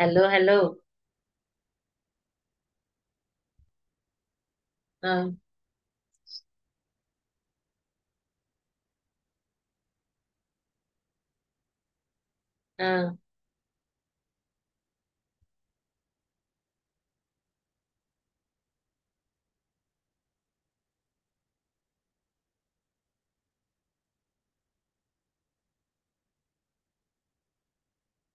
هلو هلو. اه، اه.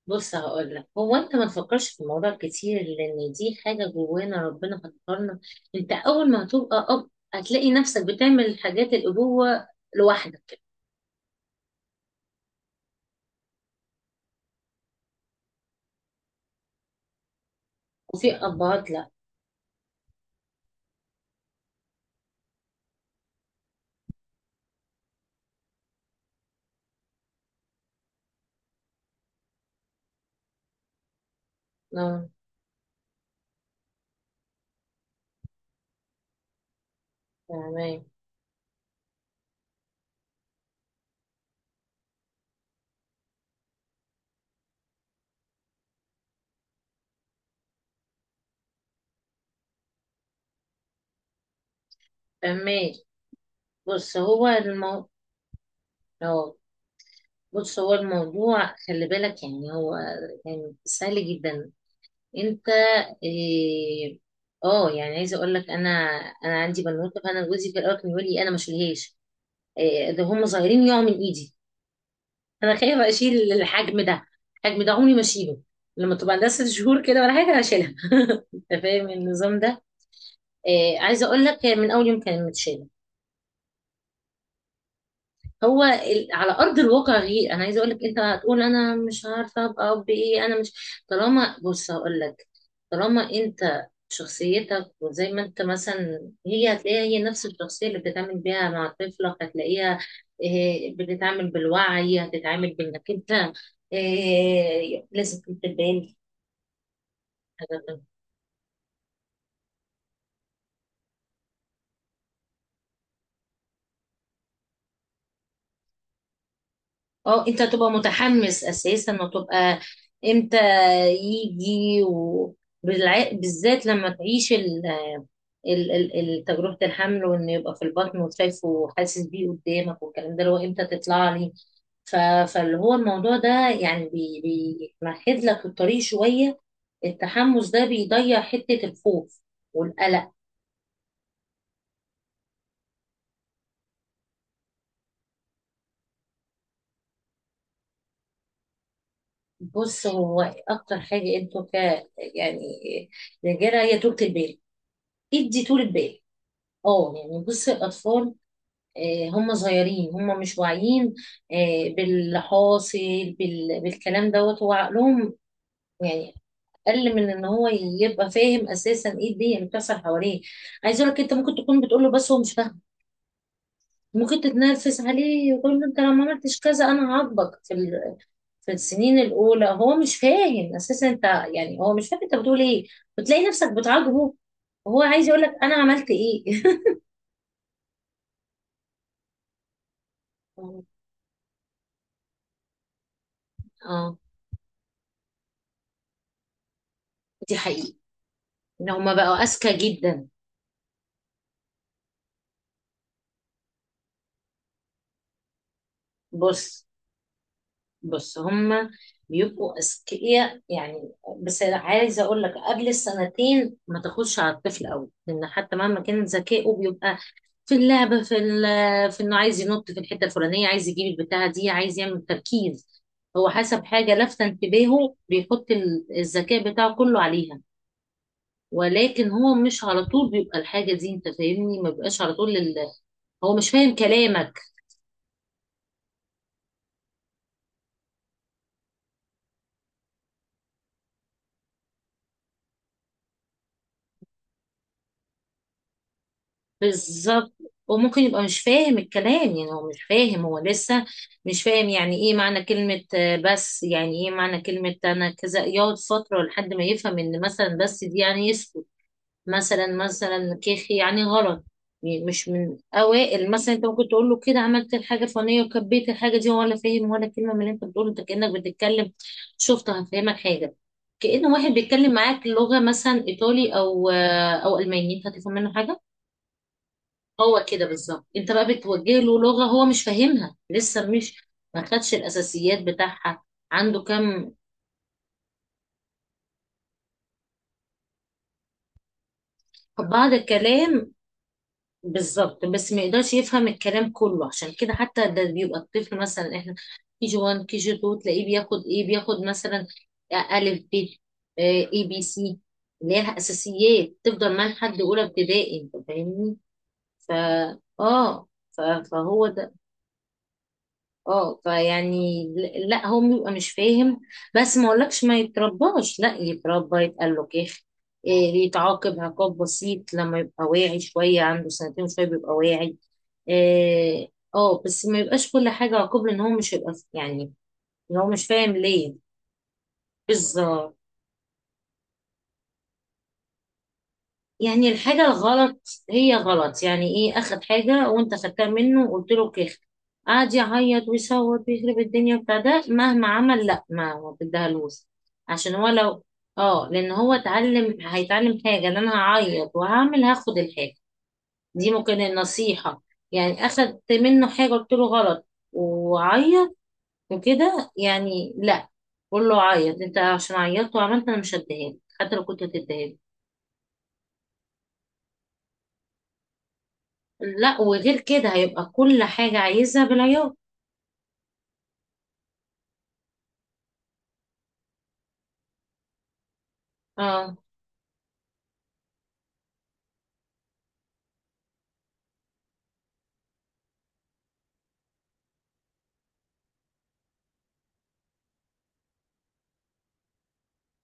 بص هقول لك، هو انت ما تفكرش في الموضوع كتير لان دي حاجه جوانا ربنا فكرنا. انت اول ما هتبقى اب هتلاقي نفسك بتعمل حاجات الابوه لوحدك. وفي ابهات لا. اه، تمام. تمام. بص هو المو اه، بص هو الموضوع، خلي بالك، يعني هو يعني سهل جدا. انت، إيه، اه، يعني عايزه اقول لك، انا عندي بنوته. فانا جوزي في الاول كان يقول لي انا ما اشيلهاش، ده هم صغيرين يقعوا من ايدي. انا خايفه اشيل الحجم ده، الحجم ده عمري ما اشيله، لما تبقى عندها ست شهور كده ولا حاجه هشيلها. انت فاهم النظام ده؟ عايزه اقول لك، هي من اول يوم كانت متشاله، على ارض الواقع غير. انا عايزه اقول لك، انت هتقول انا مش عارفه ابقى اب، ايه، انا مش. طالما بص هقول لك طالما انت، شخصيتك، وزي ما انت مثلا هي هتلاقيها، هي نفس الشخصيه اللي بتتعامل بيها مع طفلك هتلاقيها، بتتعامل بالوعي، هتتعامل بانك انت، لازم تبان. اه، انت تبقى متحمس اساسا وتبقى، امتى يجي، بالذات لما تعيش تجربة الحمل، وان يبقى في البطن وشايفه وحاسس بيه قدامك، والكلام ده اللي هو امتى تطلع لي. ف- فاللي هو الموضوع ده، يعني بيمهد لك الطريق شوية، التحمس ده بيضيع حتة الخوف والقلق. بص، هو اكتر حاجة انتوا ك يعني، رجالة، هي طولة البال، ادي طولة بال. اه، يعني بصي الأطفال، هم صغيرين هم مش واعيين باللي حاصل. بالكلام دوت هو عقلهم يعني أقل من إن هو يبقى فاهم أساسا إيه الدنيا اللي بتحصل حواليه. عايز أقول لك، أنت ممكن تكون بتقول له بس هو مش فاهم. ممكن تتنرفز عليه وتقول له: أنت لو ما عملتش كذا أنا هعاقبك في السنين الأولى هو مش فاهم أساسا أنت، يعني هو مش فاهم أنت بتقول إيه. بتلاقي نفسك بتعاقبه وهو عايز يقول لك أنا عملت إيه. اه، دي حقيقة. ان هما بقوا اذكى جدا. بص، بص، هما بيبقوا اذكياء، يعني، بس عايزه اقول لك قبل السنتين ما تاخدش على الطفل قوي، لان حتى مهما كان ذكائه بيبقى في اللعبه، في انه عايز ينط في الحته الفلانيه، عايز يجيب البتاعه دي، عايز يعمل تركيز. هو حسب حاجه لافته انتباهه بيحط الذكاء بتاعه كله عليها، ولكن هو مش على طول بيبقى الحاجه دي، انت فاهمني، ما بيبقاش على طول هو مش فاهم كلامك. بالظبط، وممكن يبقى مش فاهم الكلام، يعني هو مش فاهم، هو لسه مش فاهم يعني ايه معنى كلمة، بس يعني ايه معنى كلمة انا كذا، يقعد فترة لحد ما يفهم ان مثلا بس دي يعني يسكت. مثلا مثلا، كيخي يعني غلط، يعني مش من اوائل. مثلا انت ممكن تقول له كده عملت الحاجة الفلانية وكبيت الحاجة دي، ولا فاهم ولا كلمة من اللي انت بتقوله، انت كأنك بتتكلم. شفت؟ هفهمك حاجة، كأن واحد بيتكلم معاك لغة مثلا ايطالي، او او الماني، انت هتفهم منه حاجة؟ هو كده بالظبط، انت بقى بتوجه له لغة هو مش فاهمها لسه، مش ما خدش الاساسيات بتاعها، عنده كم، بعض الكلام. بالظبط، بس ما يقدرش يفهم الكلام كله، عشان كده حتى ده بيبقى الطفل مثلا، احنا كي جي 1 كي جي 2، تلاقيه بياخد ايه، بياخد مثلا الف ب، اي بي سي، اللي هي الاساسيات تفضل معاه لحد اولى ابتدائي، انت فاهمني؟ فا فهو ده. اه، لا هو بيبقى مش فاهم، بس ما اقولكش ما يترباش، لا يتربى يتقال له كيخ، يتعاقب عقاب بسيط لما يبقى واعي شوية، عنده سنتين وشوية بيبقى واعي، إيه، اه، بس ما يبقاش كل حاجة عقاب، لان هو مش هيبقى، يعني إن هو مش فاهم ليه. بالظبط، يعني الحاجة الغلط هي غلط، يعني ايه، اخد حاجة وانت خدتها منه وقلت له كيخ، قعد يعيط ويصوت ويخرب الدنيا بتاع ده، مهما عمل لا، ما تديهالوش، عشان هو لو، اه، لان هو اتعلم هيتعلم حاجة ان انا هعيط وهعمل هاخد الحاجة. دي ممكن النصيحة، يعني اخدت منه حاجة قلت له غلط، وعيط وكده، يعني لا. قول له: عيط انت عشان عيطت وعملت، انا مش هديهالك حتى لو كنت هتديهالي، لا، وغير كده هيبقى كل حاجة عايزها بالعيار. اه،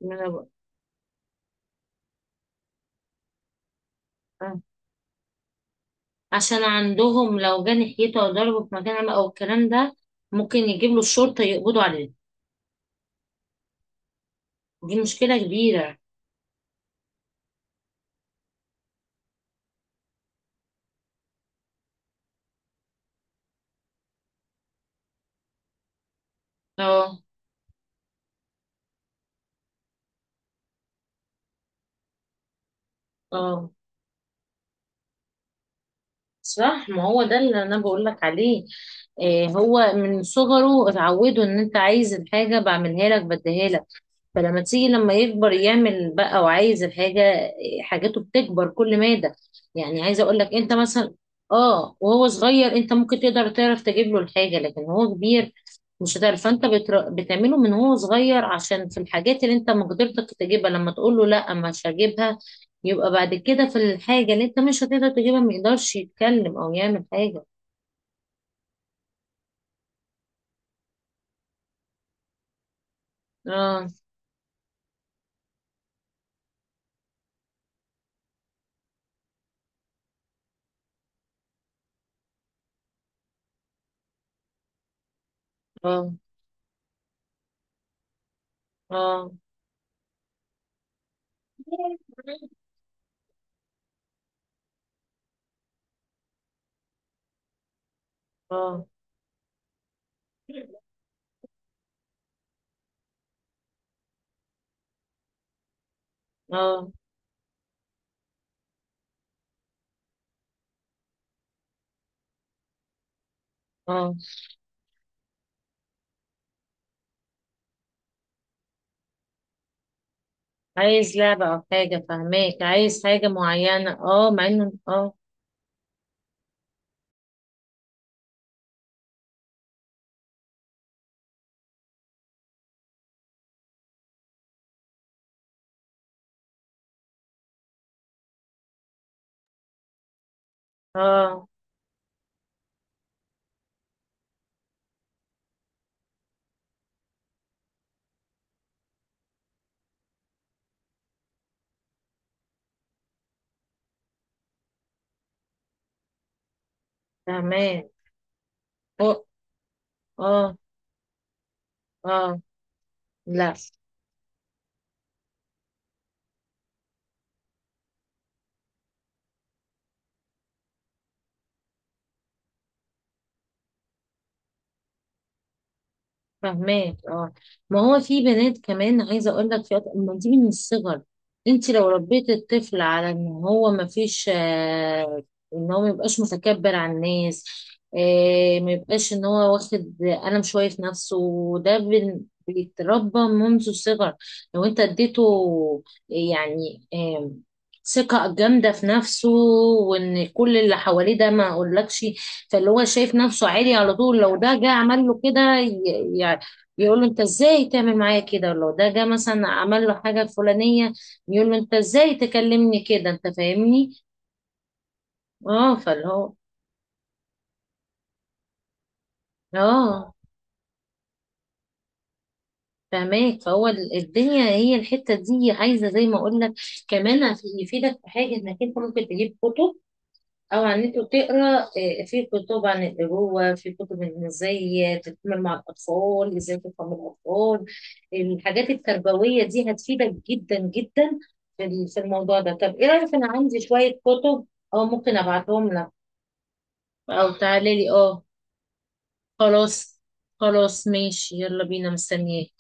ما أنا بقول- آه. عشان عندهم لو جه ناحيته او ضربه في مكان عام او الكلام ده، ممكن يجيب له الشرطة يقبضوا عليه، دي مشكلة كبيرة. اه، اه، صح، ما هو ده اللي انا بقول لك عليه، إيه، هو من صغره اتعودوا ان انت عايز الحاجة، بعملها لك، بديها لك، فلما تيجي لما يكبر، يعمل بقى وعايز الحاجة، حاجاته بتكبر كل مادة. يعني عايزة اقول لك انت مثلا، اه، وهو صغير انت ممكن تقدر تعرف تجيب له الحاجة، لكن هو كبير مش هتعرف. فانت بتعمله من هو صغير عشان في الحاجات اللي انت مقدرتك تجيبها، لما تقول له لا مش هجيبها يبقى بعد كده في الحاجة اللي انت مش هتقدر تجيبها ما يقدرش يتكلم او يعمل حاجة. اه، اه، اه، اه، اه. آه، آه. عايز لعبة أو حاجة، فهماك، عايز حاجة معينة، اه، مع انه، اه، اه، فهماك، أو- اه، اه، لا فهماك، اه. ما هو في بنات كمان، عايزه اقول لك ما دي من الصغر. انت لو ربيت الطفل على ان هو ما فيش آه، ان هو ما يبقاش متكبر على الناس، آه، ما يبقاش ان هو واخد قلم شويه في نفسه، وده بيتربى منذ الصغر. لو انت اديته، يعني، آه، ثقة جامدة في نفسه، وان كل اللي حواليه ده ما اقولكش، فاللي هو شايف نفسه عالي على طول. لو ده جه عمل له كده، يقول له: انت ازاي تعمل معايا كده؟ ولو ده جه مثلا عمل له حاجه الفلانيه، يقول له: انت ازاي تكلمني كده؟ انت فاهمني؟ اه، فاللي هو، اه، فاهمك. فهو الدنيا هي الحته دي، عايزه زي ما اقول لك، كمان عشان يفيدك في حاجه، انك انت ممكن تجيب كتب او على النت وتقرا، في كتب عن الابوه، في كتب إن ازاي تتعامل مع الاطفال، ازاي تفهم الاطفال، الحاجات التربويه دي هتفيدك جدا جدا في الموضوع ده. طب ايه رايك؟ انا عندي شويه كتب او ممكن ابعتهم لك او تعالي لي. اه، خلاص، خلاص ماشي، يلا بينا، مستنياك.